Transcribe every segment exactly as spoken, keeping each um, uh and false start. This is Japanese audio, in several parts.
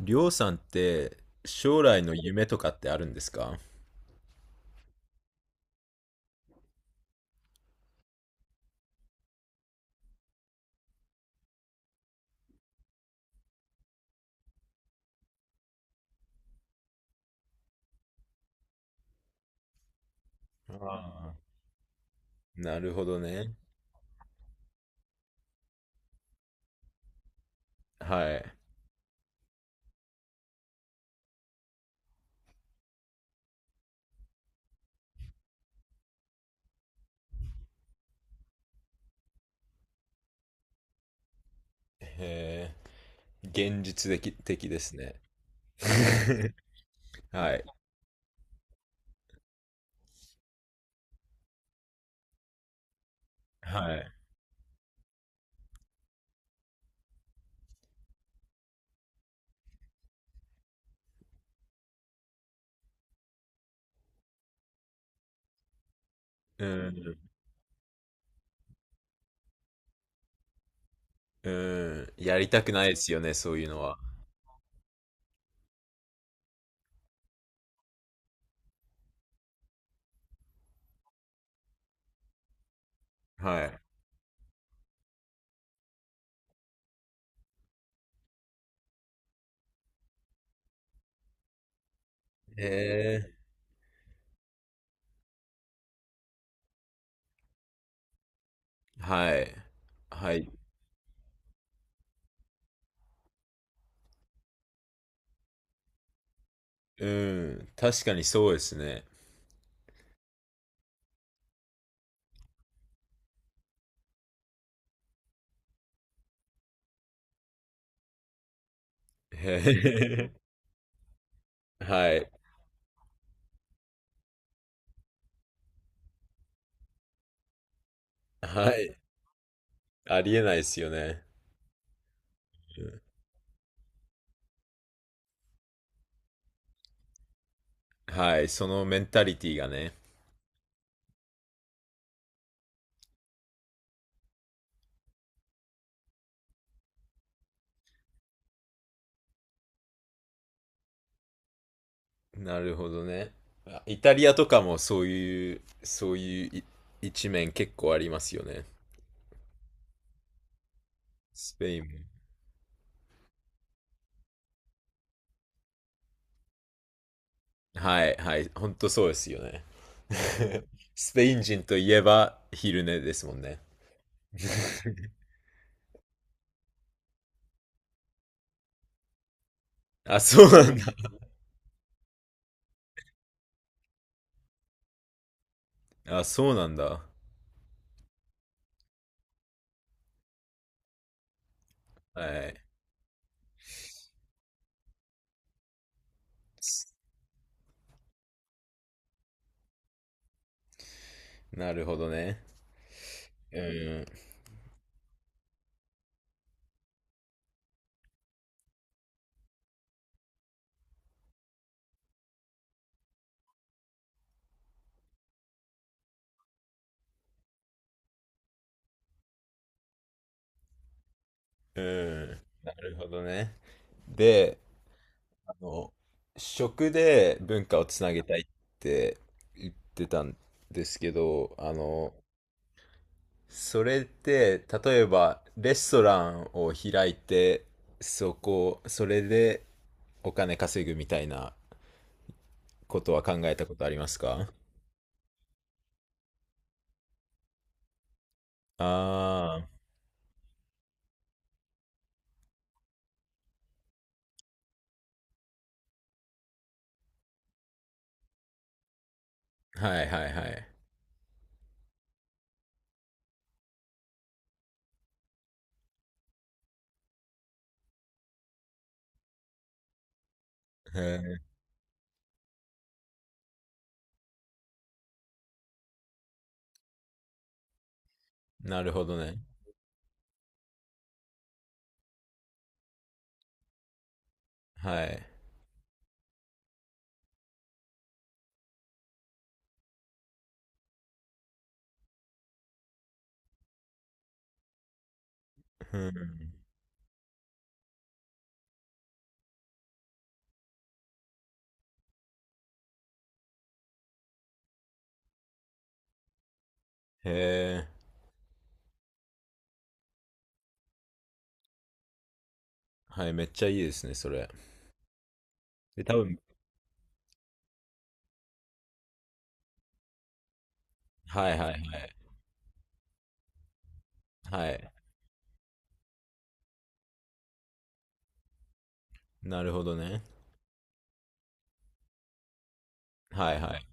りょうさんって将来の夢とかってあるんですか？ああ、なるほどね。はい。へえ、現実的、的ですね。はい。はい。うん。うん。やりたくないですよね、そういうのは。はい。へえ。はい。はい。うん。確かにそうですね。へえ。はい。はい。ありえないですよね。うんはい。そのメンタリティがね。なるほどね。あ、イタリアとかもそういう、そういうい一面結構ありますよね。スペインも。はい。はい。ほんとそうですよね。スペイン人といえば昼寝ですもんね。あ、そうなんだ。あ、そうなんだ。はい。なるほどね。うん。うん。なるほどね。で、あの、食で文化をつなげたいって言ってたんですけど、あの、それって、例えば、レストランを開いて、そこ、それでお金稼ぐみたいなことは考えたことありますか？ああー、はいはいはい。へー、なるほどね。はい。うん。へはい、めっちゃいいですね、それ。で、多分、はいはいはい。はい。なるほどね。はいはい。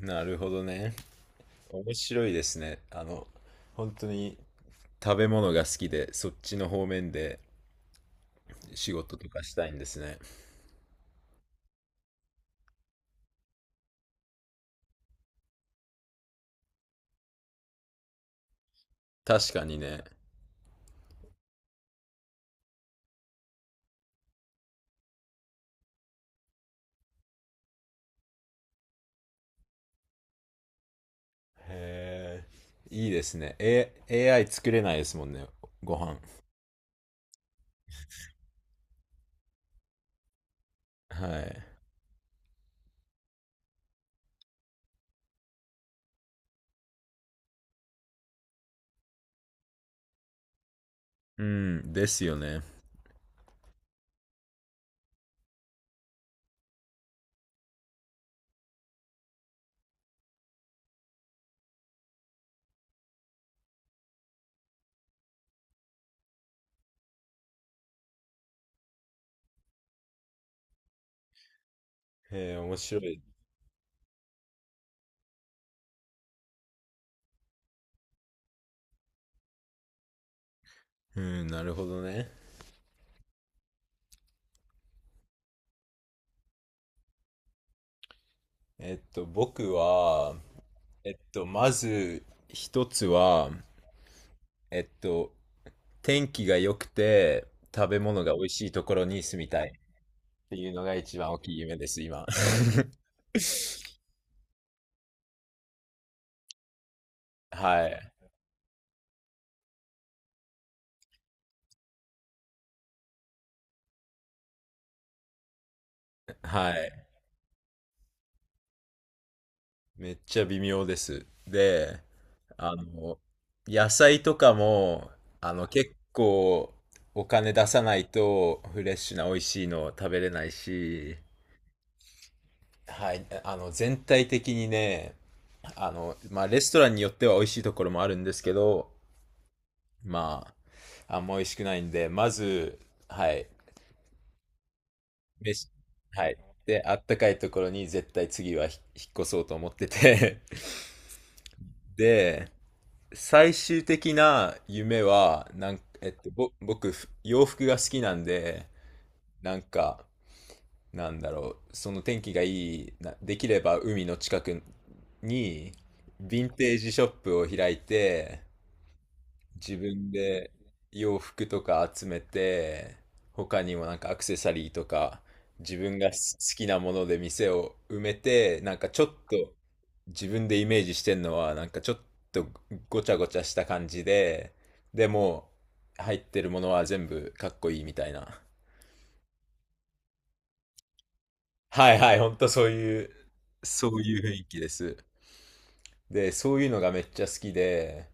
なるほどね。面白いですね。あの、本当に食べ物が好きで、そっちの方面で仕事とかしたいんですね。確かにね。へえ、いいですね。A、エーアイ 作れないですもんね、ご飯。はい。うん、ですよね。へえ、面白い。うん、なるほどね。えっと、僕は、えっと、まず一つは、えっと、天気が良くて食べ物が美味しいところに住みたいっていうのが一番大きい夢です、今。はい。はい。めっちゃ微妙です。で、あの、野菜とかも、あの、結構お金出さないとフレッシュな美味しいのを食べれないし、はい、あの、全体的にね、あの、まあ、レストランによっては美味しいところもあるんですけど、まあ、あんま美味しくないんで、まず、はい、飯、はい。で、あったかいところに絶対次はひ引っ越そうと思ってて、 で、最終的な夢は、なん、えっと、ぼ、僕、洋服が好きなんで、なんか、なんだろう、その天気がいいな、できれば海の近くに、ヴィンテージショップを開いて、自分で洋服とか集めて、他にもなんかアクセサリーとか、自分が好きなもので店を埋めて、なんかちょっと自分でイメージしてんのは、なんかちょっとごちゃごちゃした感じで、でも入ってるものは全部かっこいいみたいな。はいはい、ほんとそういう、そういう雰囲気です。で、そういうのがめっちゃ好きで、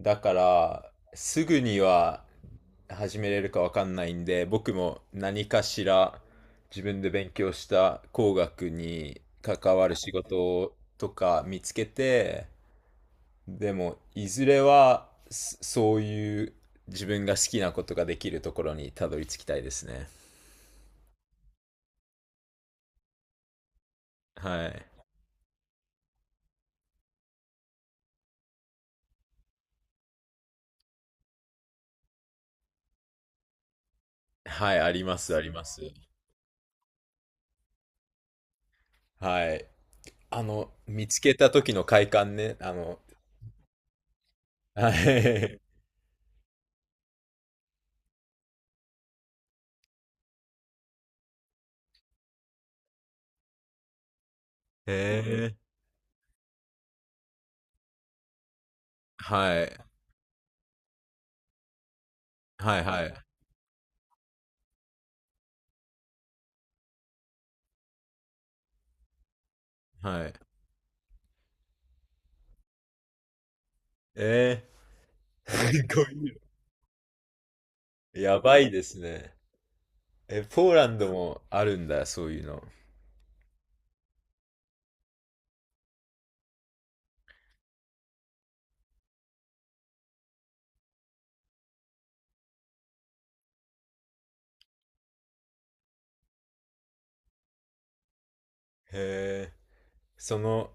だから、すぐには始めれるかわかんないんで、僕も何かしら自分で勉強した工学に関わる仕事とか見つけて、でも、いずれはそそういう自分が好きなことができるところにたどり着きたいですね。はい。はい、あります、あります。はい。あの、見つけた時の快感ね。あの、はい。へえ。はい。はいはい。はい。ええ。すごいやばいですね。え、ポーランドもあるんだ、そういうの。へえ。その、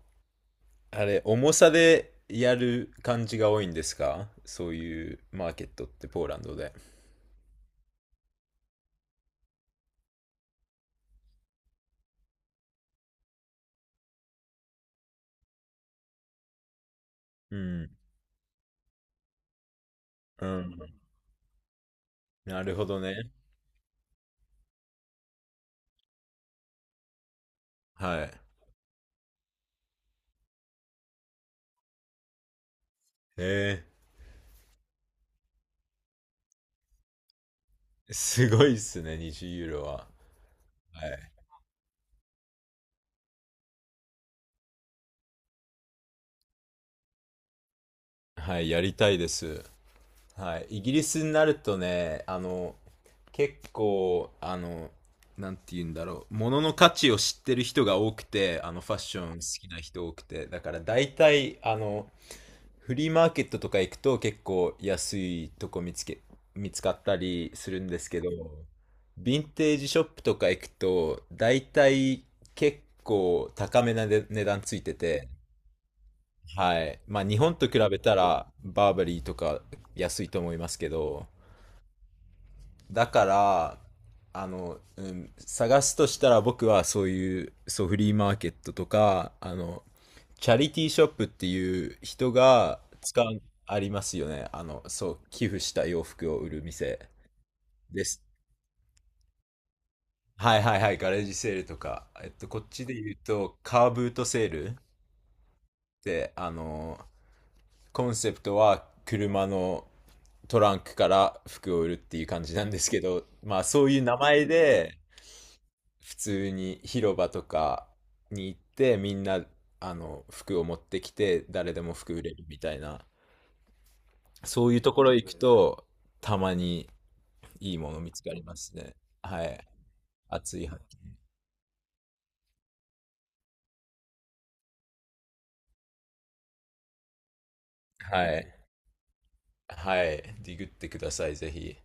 あれ、重さでやる感じが多いんですか、そういうマーケットってポーランドで。うん。うん。なるほどね。はい。へえ。すごいっすね、にじゅうユーロは。はい。はい、やりたいです。はい、イギリスになるとね、あの、結構、あの、なんて言うんだろう、物の価値を知ってる人が多くて、あの、ファッション好きな人多くて、だから大体、あの、フリーマーケットとか行くと結構安いとこ見つけ、見つかったりするんですけど、ヴィンテージショップとか行くと、大体結構高めな値値段ついてて、はい。まあ日本と比べたらバーバリーとか安いと思いますけど、だから、あの、うん、探すとしたら僕はそういう、そう、フリーマーケットとか、あの、チャリティーショップっていう人が使う、ありますよね。あの、そう、寄付した洋服を売る店です。はいはいはい、ガレージセールとか、えっと、こっちで言うと、カーブートセールって、あの、コンセプトは車のトランクから服を売るっていう感じなんですけど、まあそういう名前で、普通に広場とかに行ってみんなあの服を持ってきて誰でも服売れるみたいな、そういうところ行くとたまにいいもの見つかりますね。はい、熱い発見。はい、はい、ディグってくださいぜひ。